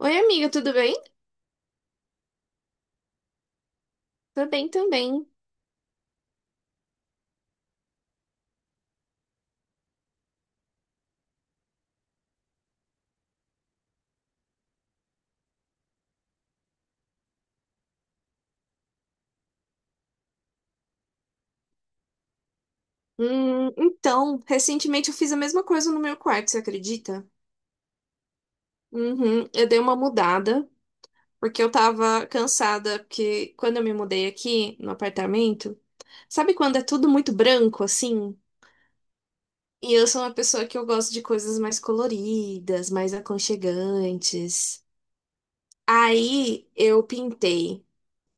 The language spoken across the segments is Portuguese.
Oi, amiga, tudo bem? Tô bem também. Então, recentemente eu fiz a mesma coisa no meu quarto, você acredita? Uhum, eu dei uma mudada, porque eu tava cansada, porque quando eu me mudei aqui no apartamento, sabe quando é tudo muito branco assim? E eu sou uma pessoa que eu gosto de coisas mais coloridas, mais aconchegantes. Aí eu pintei.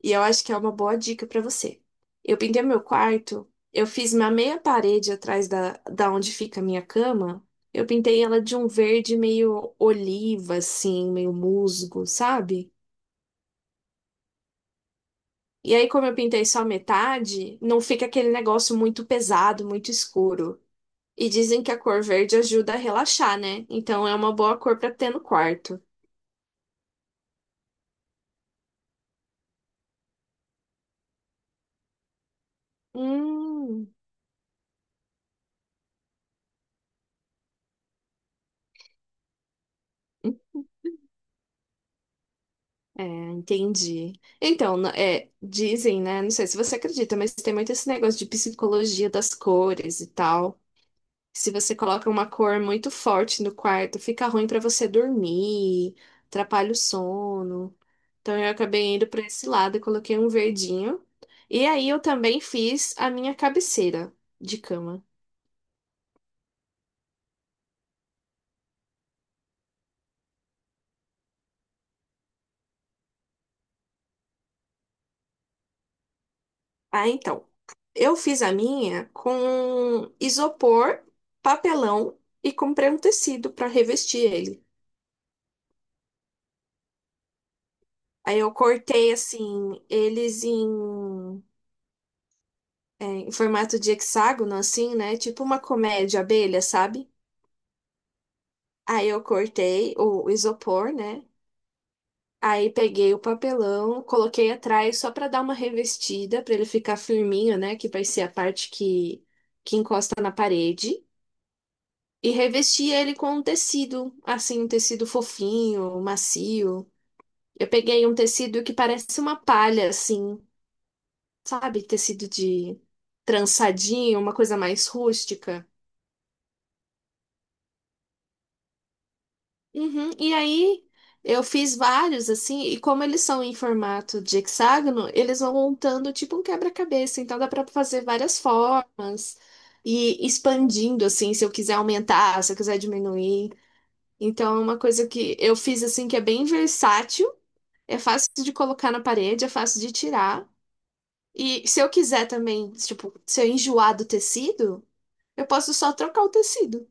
E eu acho que é uma boa dica pra você. Eu pintei meu quarto, eu fiz uma meia parede atrás da onde fica a minha cama. Eu pintei ela de um verde meio oliva, assim, meio musgo, sabe? E aí, como eu pintei só metade, não fica aquele negócio muito pesado, muito escuro. E dizem que a cor verde ajuda a relaxar, né? Então é uma boa cor pra ter no quarto. Hum. É, entendi. Então, é, dizem, né? Não sei se você acredita, mas tem muito esse negócio de psicologia das cores e tal. Se você coloca uma cor muito forte no quarto, fica ruim pra você dormir, atrapalha o sono. Então, eu acabei indo pra esse lado e coloquei um verdinho. E aí, eu também fiz a minha cabeceira de cama. Ah, então. Eu fiz a minha com isopor, papelão e comprei um tecido para revestir ele. Aí eu cortei assim, eles em, é, em formato de hexágono, assim, né? Tipo uma colmeia de abelha, sabe? Aí eu cortei o isopor, né? Aí peguei o papelão, coloquei atrás só para dar uma revestida, para ele ficar firminho, né? Que vai ser a parte que encosta na parede. E revesti ele com um tecido, assim, um tecido fofinho, macio. Eu peguei um tecido que parece uma palha, assim. Sabe? Tecido de trançadinho, uma coisa mais rústica. Uhum. E aí eu fiz vários assim, e como eles são em formato de hexágono, eles vão montando tipo um quebra-cabeça, então dá para fazer várias formas e expandindo assim, se eu quiser aumentar, se eu quiser diminuir. Então é uma coisa que eu fiz assim que é bem versátil, é fácil de colocar na parede, é fácil de tirar. E se eu quiser também, tipo, se eu enjoar do tecido, eu posso só trocar o tecido.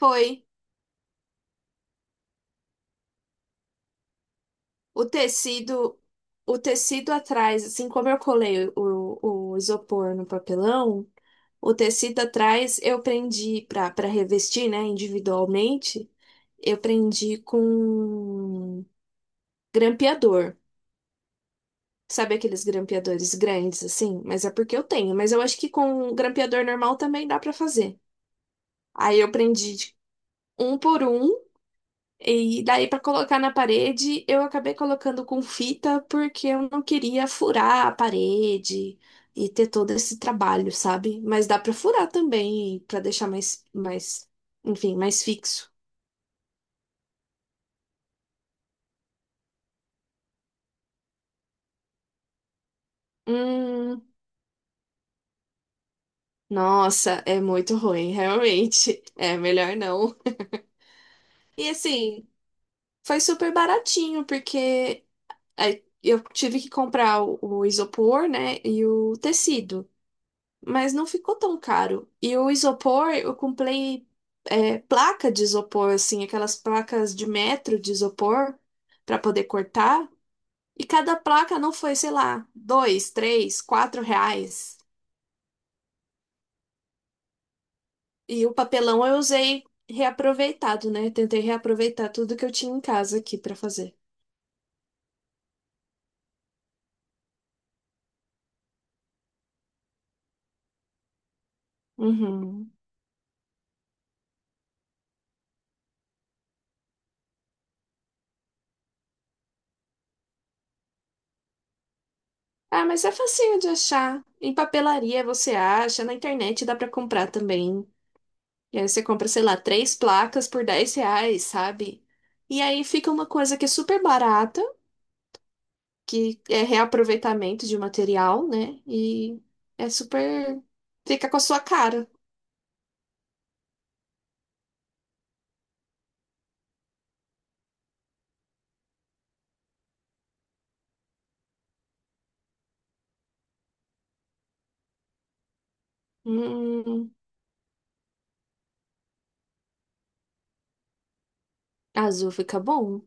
Foi o tecido, o tecido atrás, assim como eu colei o isopor no papelão, o tecido atrás eu prendi para revestir, né, individualmente, eu prendi com grampeador. Sabe aqueles grampeadores grandes assim? Mas é porque eu tenho, mas eu acho que com grampeador normal também dá para fazer. Aí eu prendi de um por um. E daí, para colocar na parede, eu acabei colocando com fita porque eu não queria furar a parede e ter todo esse trabalho, sabe? Mas dá para furar também, para deixar mais, mais, enfim, mais fixo. Hum, Nossa, é muito ruim, realmente. É melhor não. E assim, foi super baratinho porque aí eu tive que comprar o isopor, né, e o tecido. Mas não ficou tão caro. E o isopor, eu comprei é, placa de isopor, assim, aquelas placas de metro de isopor para poder cortar. E cada placa não foi, sei lá, dois, três, quatro reais. E o papelão eu usei reaproveitado, né? Tentei reaproveitar tudo que eu tinha em casa aqui para fazer. Uhum. Ah, mas é facinho de achar. Em papelaria você acha, na internet dá para comprar também. E aí você compra, sei lá, três placas por 10 reais, sabe? E aí fica uma coisa que é super barata, que é reaproveitamento de material, né? E é super. Fica com a sua cara. Hum, Azul fica bom.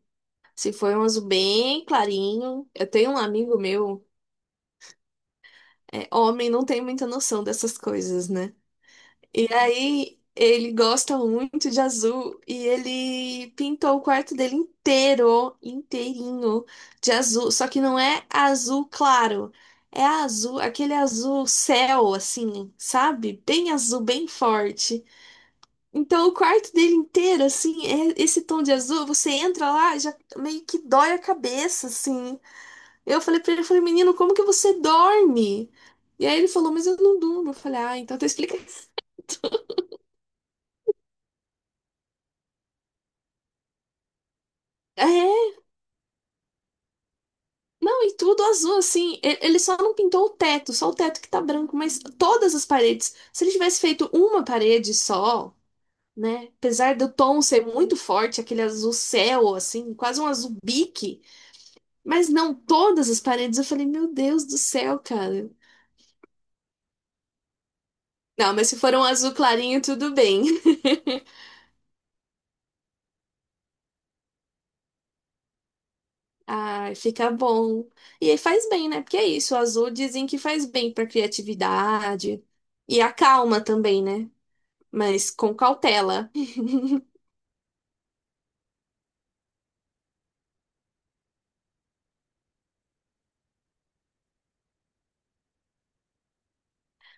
Se for um azul bem clarinho. Eu tenho um amigo meu, é homem, não tem muita noção dessas coisas, né? E aí ele gosta muito de azul e ele pintou o quarto dele inteiro, inteirinho de azul. Só que não é azul claro, é azul, aquele azul céu, assim, sabe? Bem azul, bem forte. Então o quarto dele inteiro, assim, é esse tom de azul. Você entra lá, já meio que dói a cabeça, assim. Eu falei pra ele, eu falei, menino, como que você dorme? E aí ele falou, mas eu não durmo. Eu falei, ah, então tu explica. Não, e tudo azul, assim. E- Ele só não pintou o teto, só o teto que tá branco, mas todas as paredes. Se ele tivesse feito uma parede só, né? Apesar do tom ser muito forte, aquele azul céu, assim, quase um azul bique. Mas não todas as paredes. Eu falei, meu Deus do céu, cara. Não, mas se for um azul clarinho, tudo bem. Ai, fica bom. E aí faz bem, né? Porque é isso, o azul dizem que faz bem pra criatividade. E acalma também, né? Mas com cautela.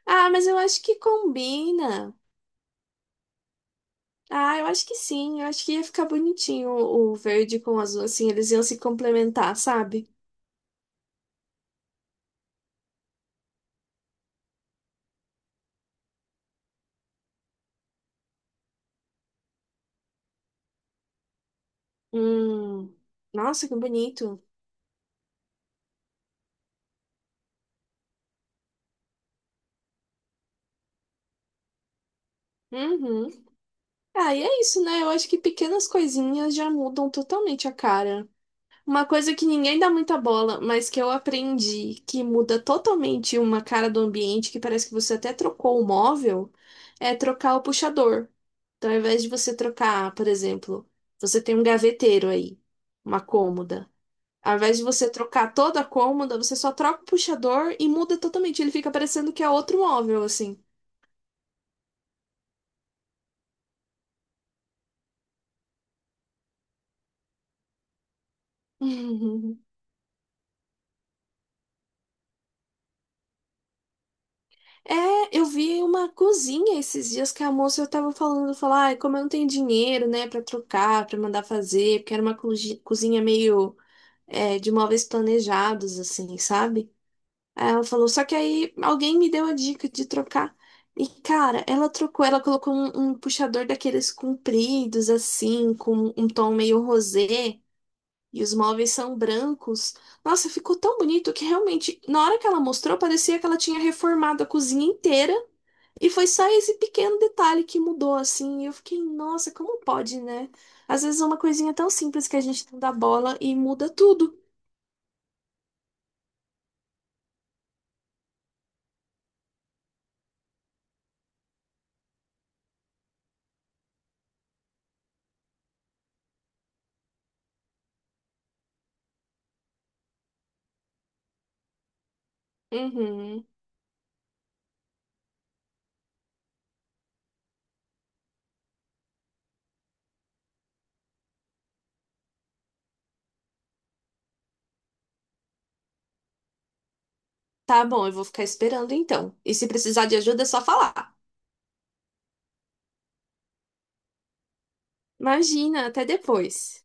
Ah, mas eu acho que combina. Ah, eu acho que sim. Eu acho que ia ficar bonitinho o verde com o azul, assim, eles iam se complementar, sabe? Hum. Nossa, que bonito. Uhum. Ah, e é isso, né? Eu acho que pequenas coisinhas já mudam totalmente a cara. Uma coisa que ninguém dá muita bola, mas que eu aprendi que muda totalmente uma cara do ambiente, que parece que você até trocou o móvel, é trocar o puxador. Então, ao invés de você trocar, por exemplo, você tem um gaveteiro aí, uma cômoda. Ao invés de você trocar toda a cômoda, você só troca o puxador e muda totalmente. Ele fica parecendo que é outro móvel, assim. É, eu vi uma cozinha esses dias que a moça tava falando, falar, ai, como eu não tenho dinheiro, né, pra trocar, pra mandar fazer, porque era uma cozinha meio é, de móveis planejados, assim, sabe? Aí ela falou, só que aí alguém me deu a dica de trocar. E, cara, ela trocou, ela colocou um, um puxador daqueles compridos, assim, com um tom meio rosé, e os móveis são brancos. Nossa, ficou tão bonito que realmente, na hora que ela mostrou, parecia que ela tinha reformado a cozinha inteira e foi só esse pequeno detalhe que mudou, assim. E eu fiquei, nossa, como pode, né? Às vezes é uma coisinha tão simples que a gente não dá bola e muda tudo. Uhum. Tá bom, eu vou ficar esperando então. E se precisar de ajuda, é só falar. Imagina, até depois.